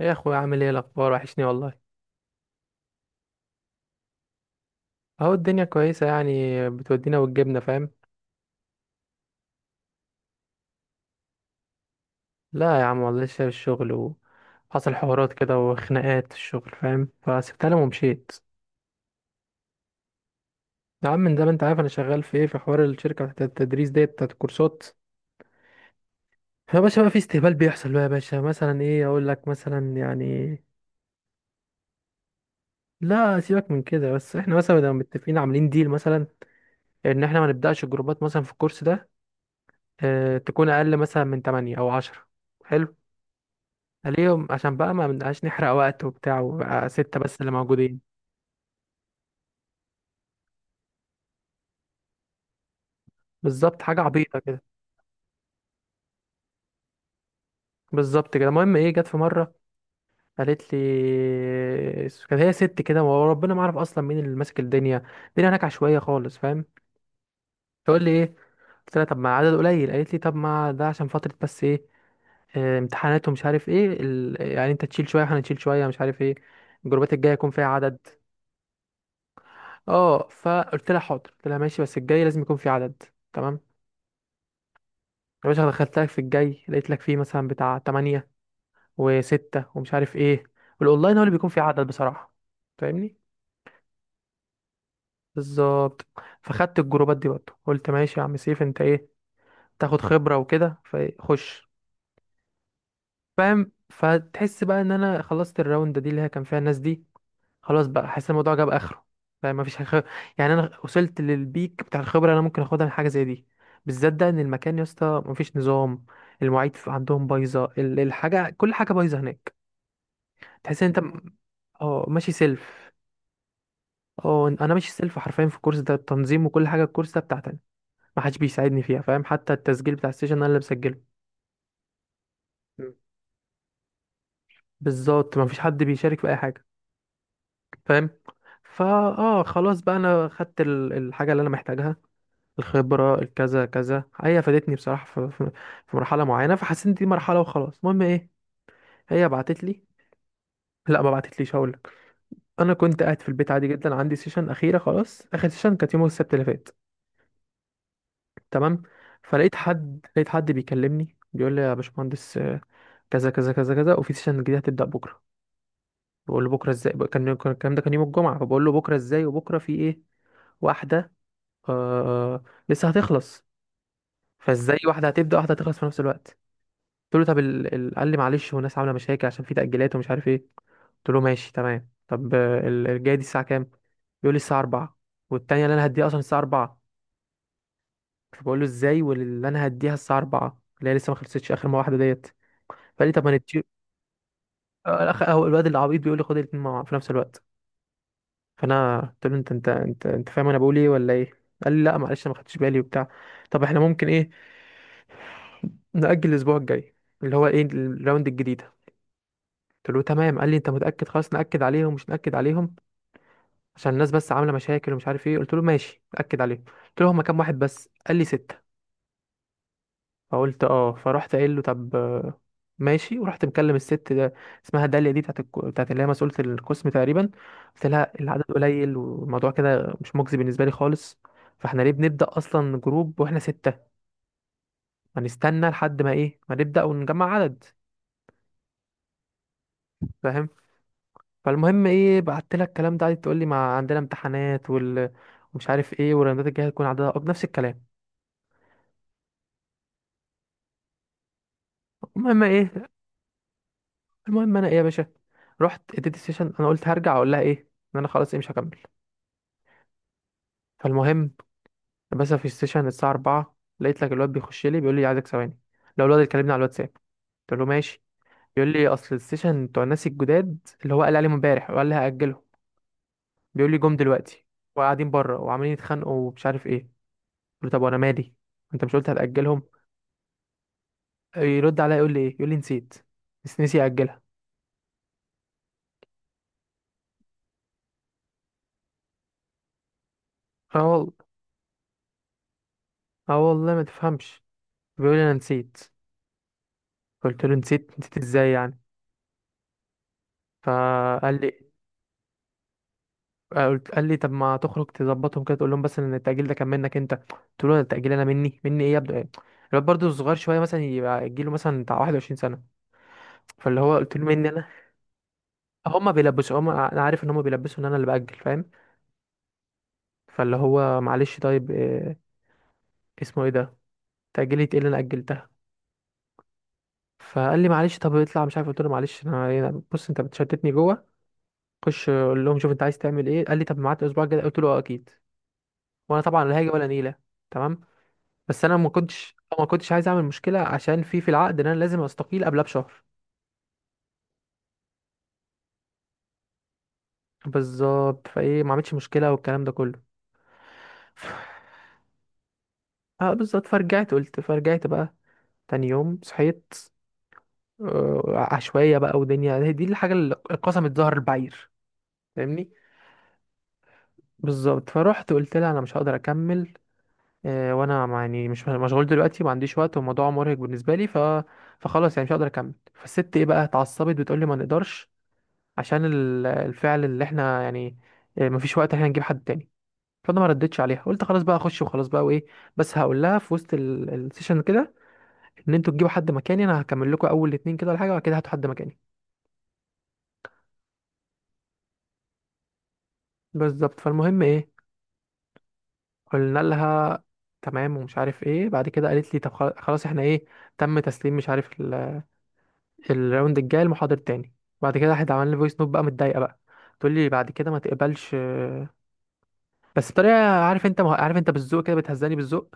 ايه يا اخويا، عامل ايه؟ الاخبار وحشني والله. اهو الدنيا كويسه يعني. بتودينا وتجيبنا، فاهم. لا يا عم والله لسه في الشغل، وحصل حوارات كده وخناقات في الشغل، فاهم، فسبتها لهم ومشيت. يا عم من زمان انت عارف انا شغال في ايه، في حوار الشركه بتاعت التدريس ديت بتاعت الكورسات. يا باشا بقى في استهبال بيحصل بقى يا باشا، مثلا ايه اقول لك، مثلا يعني لا سيبك من كده، بس احنا مثلا لو متفقين عاملين ديل، مثلا ان احنا ما نبداش الجروبات مثلا في الكورس ده اه تكون اقل مثلا من 8 او 10 ليهم، عشان بقى ما بنبقاش نحرق وقت وبتاع، وبقى ستة بس اللي موجودين. بالظبط، حاجة عبيطة كده. بالظبط كده. المهم ايه، جت في مرة قالت لي، كانت هي ست كده وربنا ما اعرف اصلا مين اللي ماسك الدنيا، الدنيا هناك عشوائية خالص فاهم. تقول لي ايه، قلت لها طب ما عدد قليل، قالت لي طب ما ده عشان فترة بس، ايه امتحانات ومش عارف ايه يعني انت تشيل شوية احنا نشيل شوية، مش عارف ايه، الجروبات الجاية يكون فيها عدد. اه فقلت لها حاضر، قلت لها ماشي بس الجاي لازم يكون فيه عدد، تمام. يا باشا دخلت لك في الجاي، لقيت لك فيه مثلا بتاع 8 و6 ومش عارف ايه، والاونلاين هو اللي بيكون فيه عدد بصراحة، فاهمني. بالظبط، فخدت الجروبات دي برضه، قلت ماشي يا عم سيف انت ايه تاخد خبرة وكده، فخش، فاهم. فتحس بقى ان انا خلصت الراوند دي اللي هي كان فيها الناس دي، خلاص بقى، حاسس الموضوع جاب اخره، فاهم. يعني انا وصلت للبيك بتاع الخبرة اللي انا ممكن اخدها من حاجة زي دي، بالذات ده ان المكان يا اسطى مفيش نظام، المواعيد عندهم بايظة، الحاجة، كل حاجة بايظة هناك. تحس ان انت م- اه ماشي سيلف. اه انا ماشي سيلف حرفيا، في الكورس ده التنظيم وكل حاجه، الكورس ده بتاعتي انا، ما حدش بيساعدني فيها فاهم، حتى التسجيل بتاع السيشن انا اللي بسجله. مم. بالظبط، ما فيش حد بيشارك في اي حاجه فاهم. فا اه خلاص بقى انا خدت الحاجه اللي انا محتاجها، الخبره الكذا كذا، هي فادتني بصراحه في مرحله معينه، فحسيت إن دي مرحله وخلاص. المهم ايه، هي بعتت لي، لا ما بعتتليش، هقول لك. انا كنت قاعد في البيت عادي جدا، عندي سيشن اخيره، خلاص اخر سيشن كانت يوم السبت اللي فات، تمام. فلقيت حد بيكلمني بيقول لي يا باشمهندس كذا كذا كذا كذا، وفي سيشن جديد هتبدأ بكرة. بقول له بكرة ازاي؟ الكلام ده كان يوم الجمعة، فبقول له بكرة ازاي وبكرة في ايه؟ واحدة آه لسه هتخلص، فازاي واحدة هتبدأ واحدة هتخلص في نفس الوقت؟ قلت له طب قال لي معلش، والناس عاملة مشاكل عشان في تأجيلات ومش عارف ايه. قلت له ماشي تمام، طب الجاية دي الساعة كام؟ بيقول لي الساعة 4، والتانية اللي انا هديها اصلا الساعة 4. فبقول له ازاي واللي انا هديها الساعه 4 اللي هي لسه ما خلصتش اخر ما واحده ديت؟ فقال لي طب ما نتشير. الاخ هو الواد العبيط بيقول لي خد الاثنين مع في نفس الوقت. فانا قلت له انت فاهم انا بقول ايه ولا ايه؟ قال لي لا معلش انا ما خدتش بالي وبتاع، طب احنا ممكن ايه، نأجل الأسبوع الجاي اللي هو إيه الراوند الجديدة. قلت له تمام، قال لي أنت متأكد؟ خلاص نأكد عليهم مش نأكد عليهم عشان الناس بس عاملة مشاكل ومش عارف إيه. قلت له ماشي نأكد عليهم. قلت له هما كام واحد بس؟ قال لي ستة. فقلت اه. فرحت قايل له طب ماشي، ورحت مكلم الست ده اسمها داليا دي، بتاعت اللي هي مسؤولة القسم تقريبا. قلت لها العدد قليل والموضوع كده مش مجزي بالنسبة لي خالص، فاحنا ليه بنبدأ أصلا جروب واحنا ستة؟ ما نستنى لحد ما ايه، ما نبدأ ونجمع عدد، فاهم. فالمهم ايه، بعت لها الكلام ده، قعدت تقول لي ما عندنا امتحانات ومش عارف ايه، والراندات الجايه هتكون عددها أكبر، نفس الكلام. المهم ايه، المهم انا ايه يا باشا، رحت اديت السيشن، انا قلت هرجع اقول لها ايه ان انا خلاص ايه، مش هكمل. فالمهم، بس في السيشن الساعة 4 لقيت لك الواد بيخش لي بيقول لي عايزك ثواني، لو الواد اللي كلمني على الواتساب. قلت له ماشي. بيقول لي اصل السيشن بتوع الناس الجداد اللي هو قال عليهم امبارح وقال لي هأجله، بيقول لي جم دلوقتي وقاعدين بره وعمالين يتخانقوا ومش عارف ايه. قلت له طب وانا مالي، انت مش قلت هتأجلهم؟ يرد عليا يقول لي ايه، يقول لي نسيت، بس نسي أجلها. اه والله، اه والله ما تفهمش، بيقول لي انا نسيت. قلت له نسيت، نسيت ازاي يعني؟ فقال لي قلت قال لي طب ما تخرج تظبطهم كده، تقول لهم بس ان التأجيل ده كان منك. انت قلت له التأجيل، انا مني، مني ايه يا ابني؟ الواد برضه صغير شويه، مثلا يبقى يجيله مثلا بتاع 21 سنه. فاللي هو قلت له مني انا، هما بيلبسوا، هما انا عارف ان هما بيلبسوا ان انا اللي بأجل فاهم. فاللي هو معلش طيب إيه، اسمه ايه ده، تأجيلي ايه اللي انا أجلتها؟ فقال لي معلش طب اطلع، مش عارف. قلت له معلش بص انت بتشتتني جوه، خش قول لهم، شوف انت عايز تعمل ايه. قال لي طب معاك اسبوع كده، قلت له اه اكيد، وانا طبعا لا هاجي ولا نيله، تمام. بس انا ما كنتش عايز اعمل مشكله عشان في العقد ان انا لازم استقيل قبلها بشهر، بالظبط، فايه ما عملتش مشكله والكلام ده كله. اه بالظبط. فرجعت بقى، تاني يوم صحيت عشوائيه بقى ودنيا، هي دي الحاجه اللي قسمت ظهر البعير، فاهمني. بالظبط، فروحت قلت لها انا مش هقدر اكمل وانا يعني مش مشغول دلوقتي، ما عنديش وقت والموضوع مرهق بالنسبه لي، فخلاص يعني مش هقدر اكمل. فالست ايه بقى اتعصبت بتقول لي ما نقدرش عشان الفعل اللي احنا يعني مفيش وقت، احنا نجيب حد تاني. فانا ما ردتش عليها، قلت خلاص بقى اخش وخلاص بقى وايه، بس هقول لها في وسط السيشن كده ان انتوا تجيبوا حد مكاني، انا هكمل لكم اول اتنين كده ولا حاجه وبعد كده هاتوا حد مكاني. بالظبط فالمهم ايه، قلنا لها تمام ومش عارف ايه، بعد كده قالت لي طب خلاص احنا ايه، تم تسليم مش عارف الراوند الجاي المحاضر تاني. بعد كده راحت عمل لي فويس نوت بقى متضايقه بقى، تقول لي بعد كده ما تقبلش بس بطريقه، عارف انت بالذوق كده، بتهزاني بالذوق،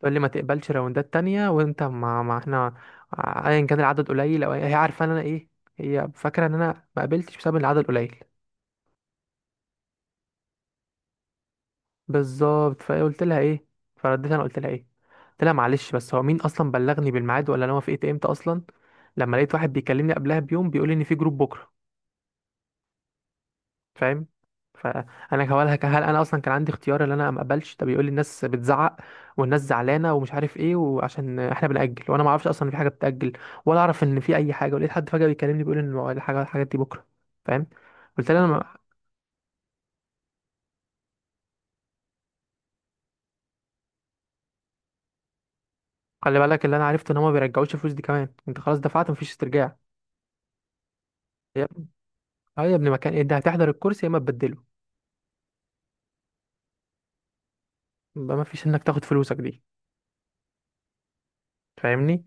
تقول لي ما تقبلش راوندات تانية وانت ما احنا ايا كان العدد قليل او هي عارفه ان انا ايه، هي فاكره ان انا ما قبلتش بسبب إن العدد قليل. بالظبط فقلت لها ايه، فرديت انا قلت لها ايه، قلت لها معلش بس هو مين اصلا بلغني بالميعاد، ولا انا وافقت امتى اصلا لما لقيت واحد بيكلمني قبلها بيوم بيقول لي ان في جروب بكره، فاهم؟ فانا هقولها هل انا اصلا كان عندي اختيار ان انا ما اقبلش؟ ده بيقول لي الناس بتزعق والناس زعلانه ومش عارف ايه، وعشان احنا بنأجل، وانا ما اعرفش اصلا إن في حاجه بتأجل، ولا اعرف ان في اي حاجه، ولقيت حد فجأة بيكلمني بيقول ان الحاجات دي بكره، فاهم. قلت له انا ما- خلي بالك اللي انا عرفته ان هم ما بيرجعوش الفلوس دي كمان، انت خلاص دفعت مفيش استرجاع يا ابني. اه يا ابني، مكان انت هتحضر الكرسي يا اما تبدله، يبقى مفيش انك تاخد فلوسك دي فاهمني.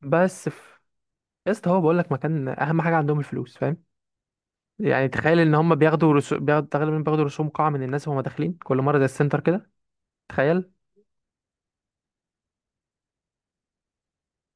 بس في... يا اسطى هو بقول لك مكان، اهم حاجه عندهم الفلوس فاهم. يعني تخيل ان هم بياخدوا تقريبا، بياخدوا رسوم قاعة من الناس وهم داخلين كل مرة زي السنتر كده. تخيل.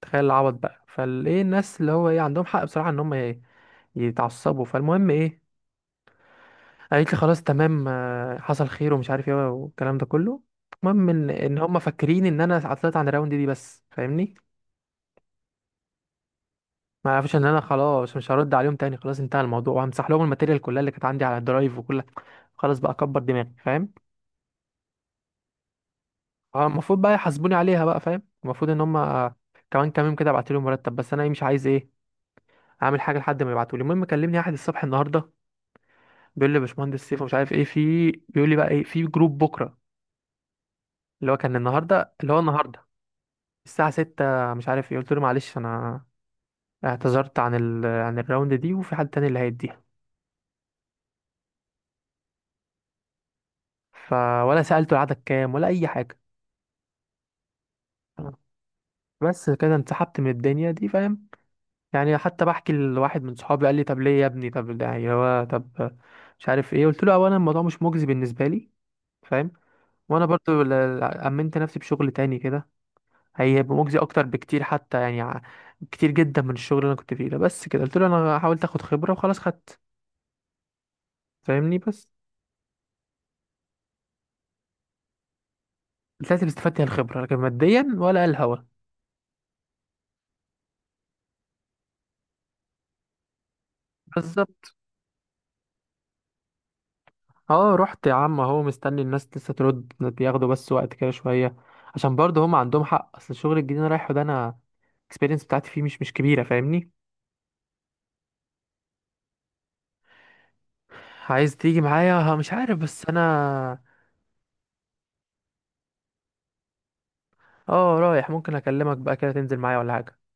تخيل العبط بقى، فالايه الناس اللي هو ايه عندهم حق بصراحة ان هم يتعصبوا. فالمهم ايه، قالت لي خلاص تمام حصل خير ومش عارف ايه والكلام ده كله. المهم ان هم فاكرين ان انا عطلت عن الراوند دي بس فاهمني، ما عرفش ان انا خلاص مش هرد عليهم تاني، خلاص انتهى الموضوع وهمسح لهم الماتيريال كلها اللي كانت عندي على الدرايف وكل، خلاص بقى اكبر دماغي فاهم. اه المفروض بقى يحاسبوني عليها بقى، فاهم، المفروض ان هم كمان كام يوم كده ابعت لهم مرتب، بس انا ايه مش عايز ايه اعمل حاجه لحد ما يبعتوا لي. المهم كلمني احد الصبح النهارده بيقول لي يا باشمهندس سيف مش عارف ايه، في بيقول لي بقى ايه، في جروب بكره اللي هو كان النهارده، اللي هو النهارده الساعه 6 مش عارف ايه. قلت له معلش انا اعتذرت عن عن الراوند دي، وفي حد تاني اللي هيديها، ف ولا سالته العدد كام ولا اي حاجه. بس كده انسحبت من الدنيا دي فاهم. يعني حتى بحكي لواحد من صحابي قال لي طب ليه يا ابني، طب ده يعني هو طب مش عارف ايه. قلت له اولا الموضوع مش مجزي بالنسبه لي فاهم، وانا برضو امنت نفسي بشغل تاني كده هيبقى مجزي اكتر بكتير، حتى يعني كتير جدا من الشغل اللي انا كنت فيه ده. بس كده قلت له انا حاولت اخد خبره وخلاص خدت، فاهمني، بس طلعت اللي استفدت هي الخبره، لكن ماديا ولا الهوا. بالظبط، اه رحت يا عم اهو مستني الناس لسه ترد، بياخدوا بس وقت كده شويه، عشان برضه هم عندهم حق، اصل الشغل الجديد اللي أنا رايحه ده انا الاكسبيرينس بتاعتي فيه مش كبيره، فاهمني. عايز تيجي معايا، ها؟ مش عارف بس انا، اه رايح، ممكن اكلمك بقى كده تنزل معايا ولا حاجه.